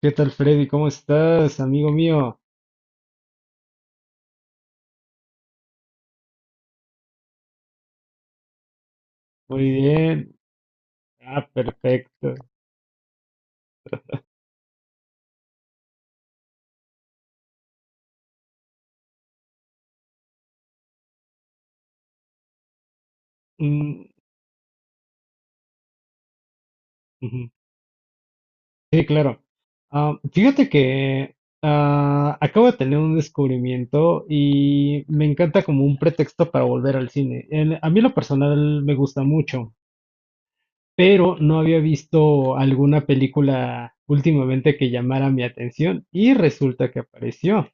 ¿Qué tal, Freddy? ¿Cómo estás, amigo mío? Muy bien. Ah, perfecto. Mm, ujú. Sí, claro. Ah, fíjate que acabo de tener un descubrimiento y me encanta como un pretexto para volver al cine. A mí en lo personal me gusta mucho, pero no había visto alguna película últimamente que llamara mi atención y resulta que apareció.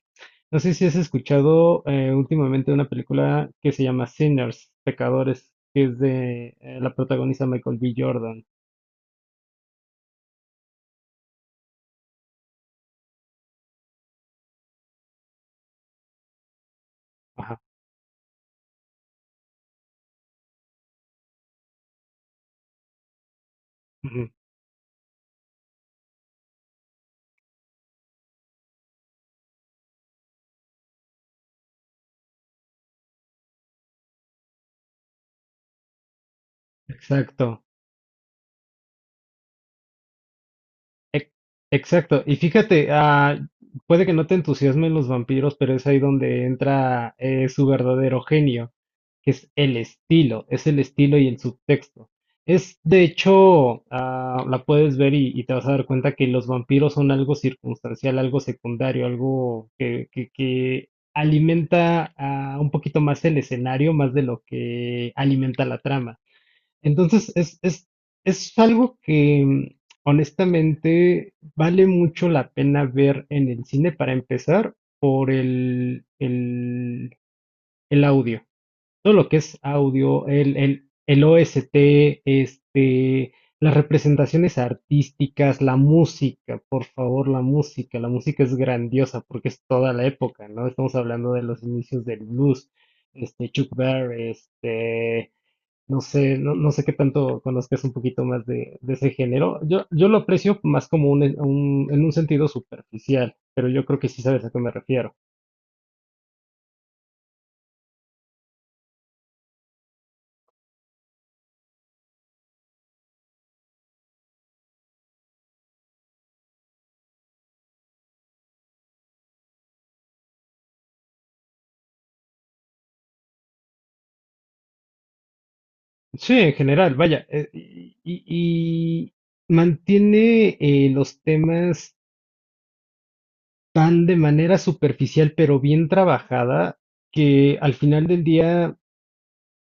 No sé si has escuchado últimamente una película que se llama Sinners, Pecadores, que es de la protagoniza Michael B. Jordan. Ajá, ujú. Exacto. Ex- Exacto. Y fíjate, puede que no te entusiasmen los vampiros, pero es ahí donde entra su verdadero genio, que es el estilo y el subtexto. Es, de hecho, la puedes ver y te vas a dar cuenta que los vampiros son algo circunstancial, algo secundario, algo que alimenta un poquito más el escenario, más de lo que alimenta la trama. Entonces, es algo que honestamente vale mucho la pena ver en el cine para empezar por el audio. Todo lo que es audio, el OST, este, las representaciones artísticas, la música, por favor, la música. La música es grandiosa porque es toda la época, ¿no? Estamos hablando de los inicios del blues, este, Chuck Berry, este no sé, no sé qué tanto conozcas un poquito más de ese género. Yo lo aprecio más como un, en un sentido superficial, pero yo creo que sí sabes a qué me refiero. Sí, en general, vaya, y mantiene los temas tan de manera superficial, pero bien trabajada, que al final del día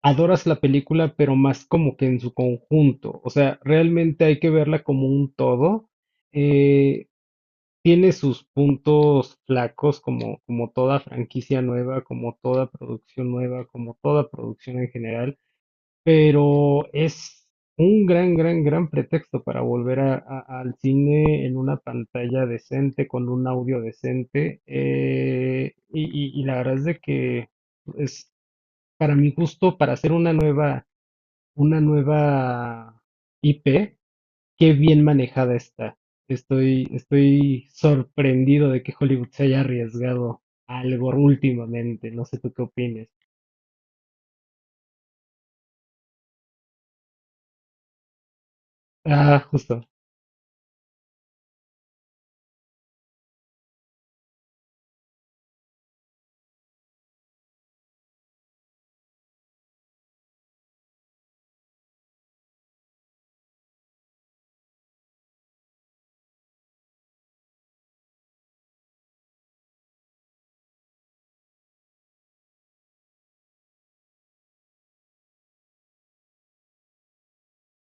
adoras la película, pero más como que en su conjunto. O sea, realmente hay que verla como un todo. Eh, Tiene sus puntos flacos como, como toda franquicia nueva, como toda producción nueva, como toda producción en general, pero es un gran, gran, gran pretexto para volver al cine en una pantalla decente, con un audio decente. Y la verdad es de que es para mi gusto, para hacer una nueva IP, qué bien manejada está. Estoy sorprendido de que Hollywood se haya arriesgado a algo últimamente. No sé tú qué opines. Ah, justo.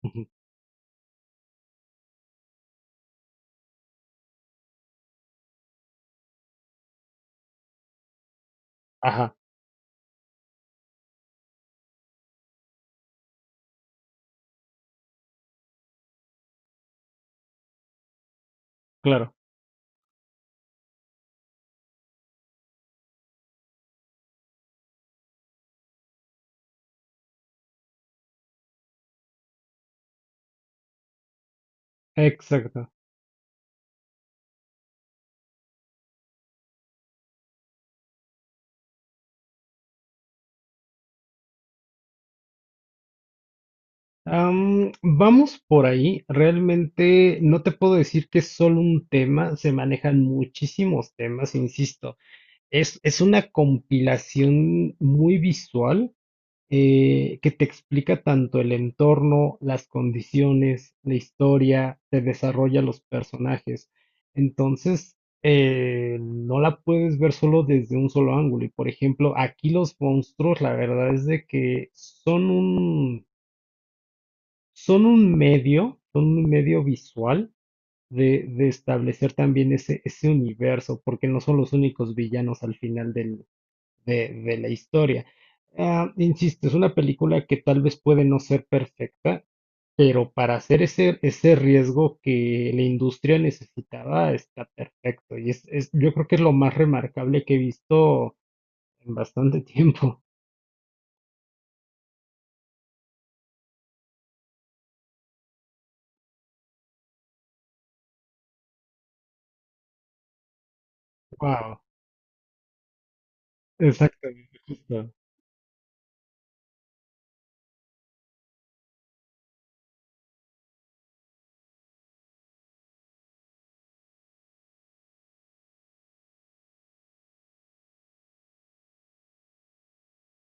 Ujú. Ajá, claro. Exacto. Vamos por ahí. Realmente no te puedo decir que es solo un tema. Se manejan muchísimos temas, insisto. Es una compilación muy visual que te explica tanto el entorno, las condiciones, la historia, te desarrolla los personajes. Entonces, no la puedes ver solo desde un solo ángulo. Y por ejemplo, aquí los monstruos, la verdad es de que son un medio visual. De establecer también ese universo, porque no son los únicos villanos al final de la historia. Ah, insisto, es una película que tal vez puede no ser perfecta, pero para hacer ese riesgo que la industria necesitaba está perfecto. Y yo creo que es lo más remarcable que he visto en bastante tiempo. Wow, exactamente, justo.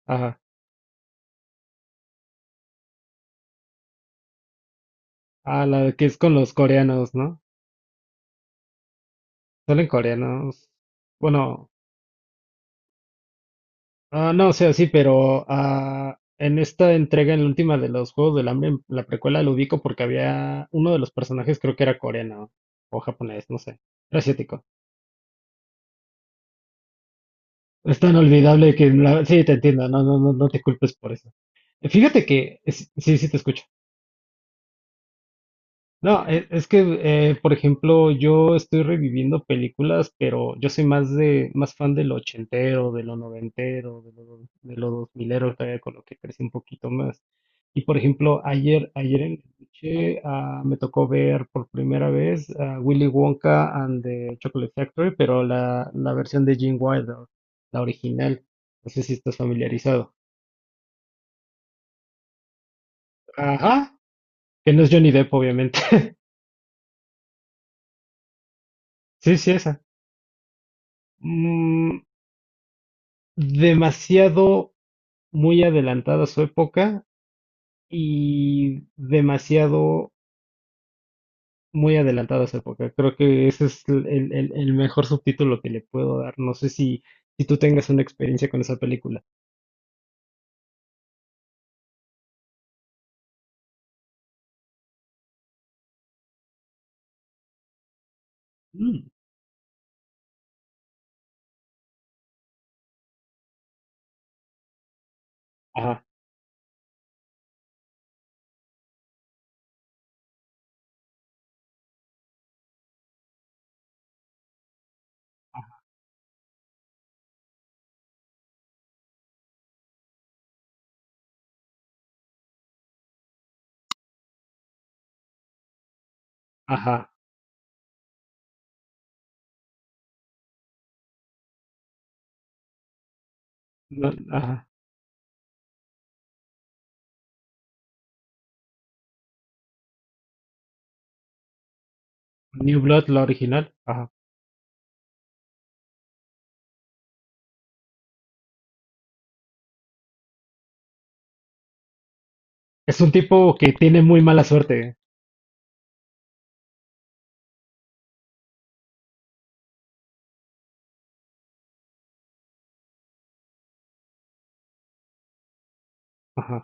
Ajá. Ah, la que es con los coreanos, ¿no? Salen coreanos. Bueno, ah, no, o sea, sí, pero en esta entrega, en la última de los Juegos del Hambre, en la precuela lo ubico porque había uno de los personajes, creo que era coreano o japonés, no sé, era asiático. Es tan olvidable que sí, te entiendo, no te culpes por eso. Fíjate que, sí, sí, te escucho. No, es que, por ejemplo, yo estoy reviviendo películas, pero yo soy más de, más fan de lo ochentero, de lo noventero, de lo, de lo dos milero, todavía con lo que crecí un poquito más. Y por ejemplo, ayer en la noche, me tocó ver por primera vez a Willy Wonka and the Chocolate Factory, pero la versión de Gene Wilder, la original. No sé si estás familiarizado. Ajá, que no es Johnny Depp, obviamente. Sí, sí, esa. Mm, demasiado muy adelantada a su época y demasiado muy adelantada a su época. Creo que ese es el mejor subtítulo que le puedo dar. No sé si, si tú tengas una experiencia con esa película. Mm, ajá, ajá, no, ajá. New Blood, la original. Ajá. Es un tipo que tiene muy mala suerte. Ajá.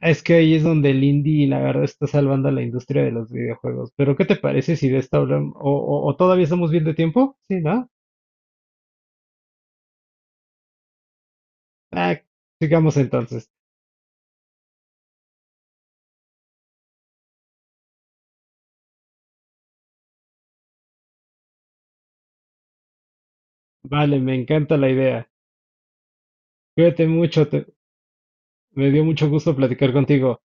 Es que ahí es donde el indie, la verdad, está salvando a la industria de los videojuegos. Pero, ¿qué te parece si de esta hablamos? O todavía estamos bien de tiempo? Sí, ¿no? Ah, sigamos entonces. Vale, me encanta la idea. Cuídate mucho. Me dio mucho gusto platicar contigo.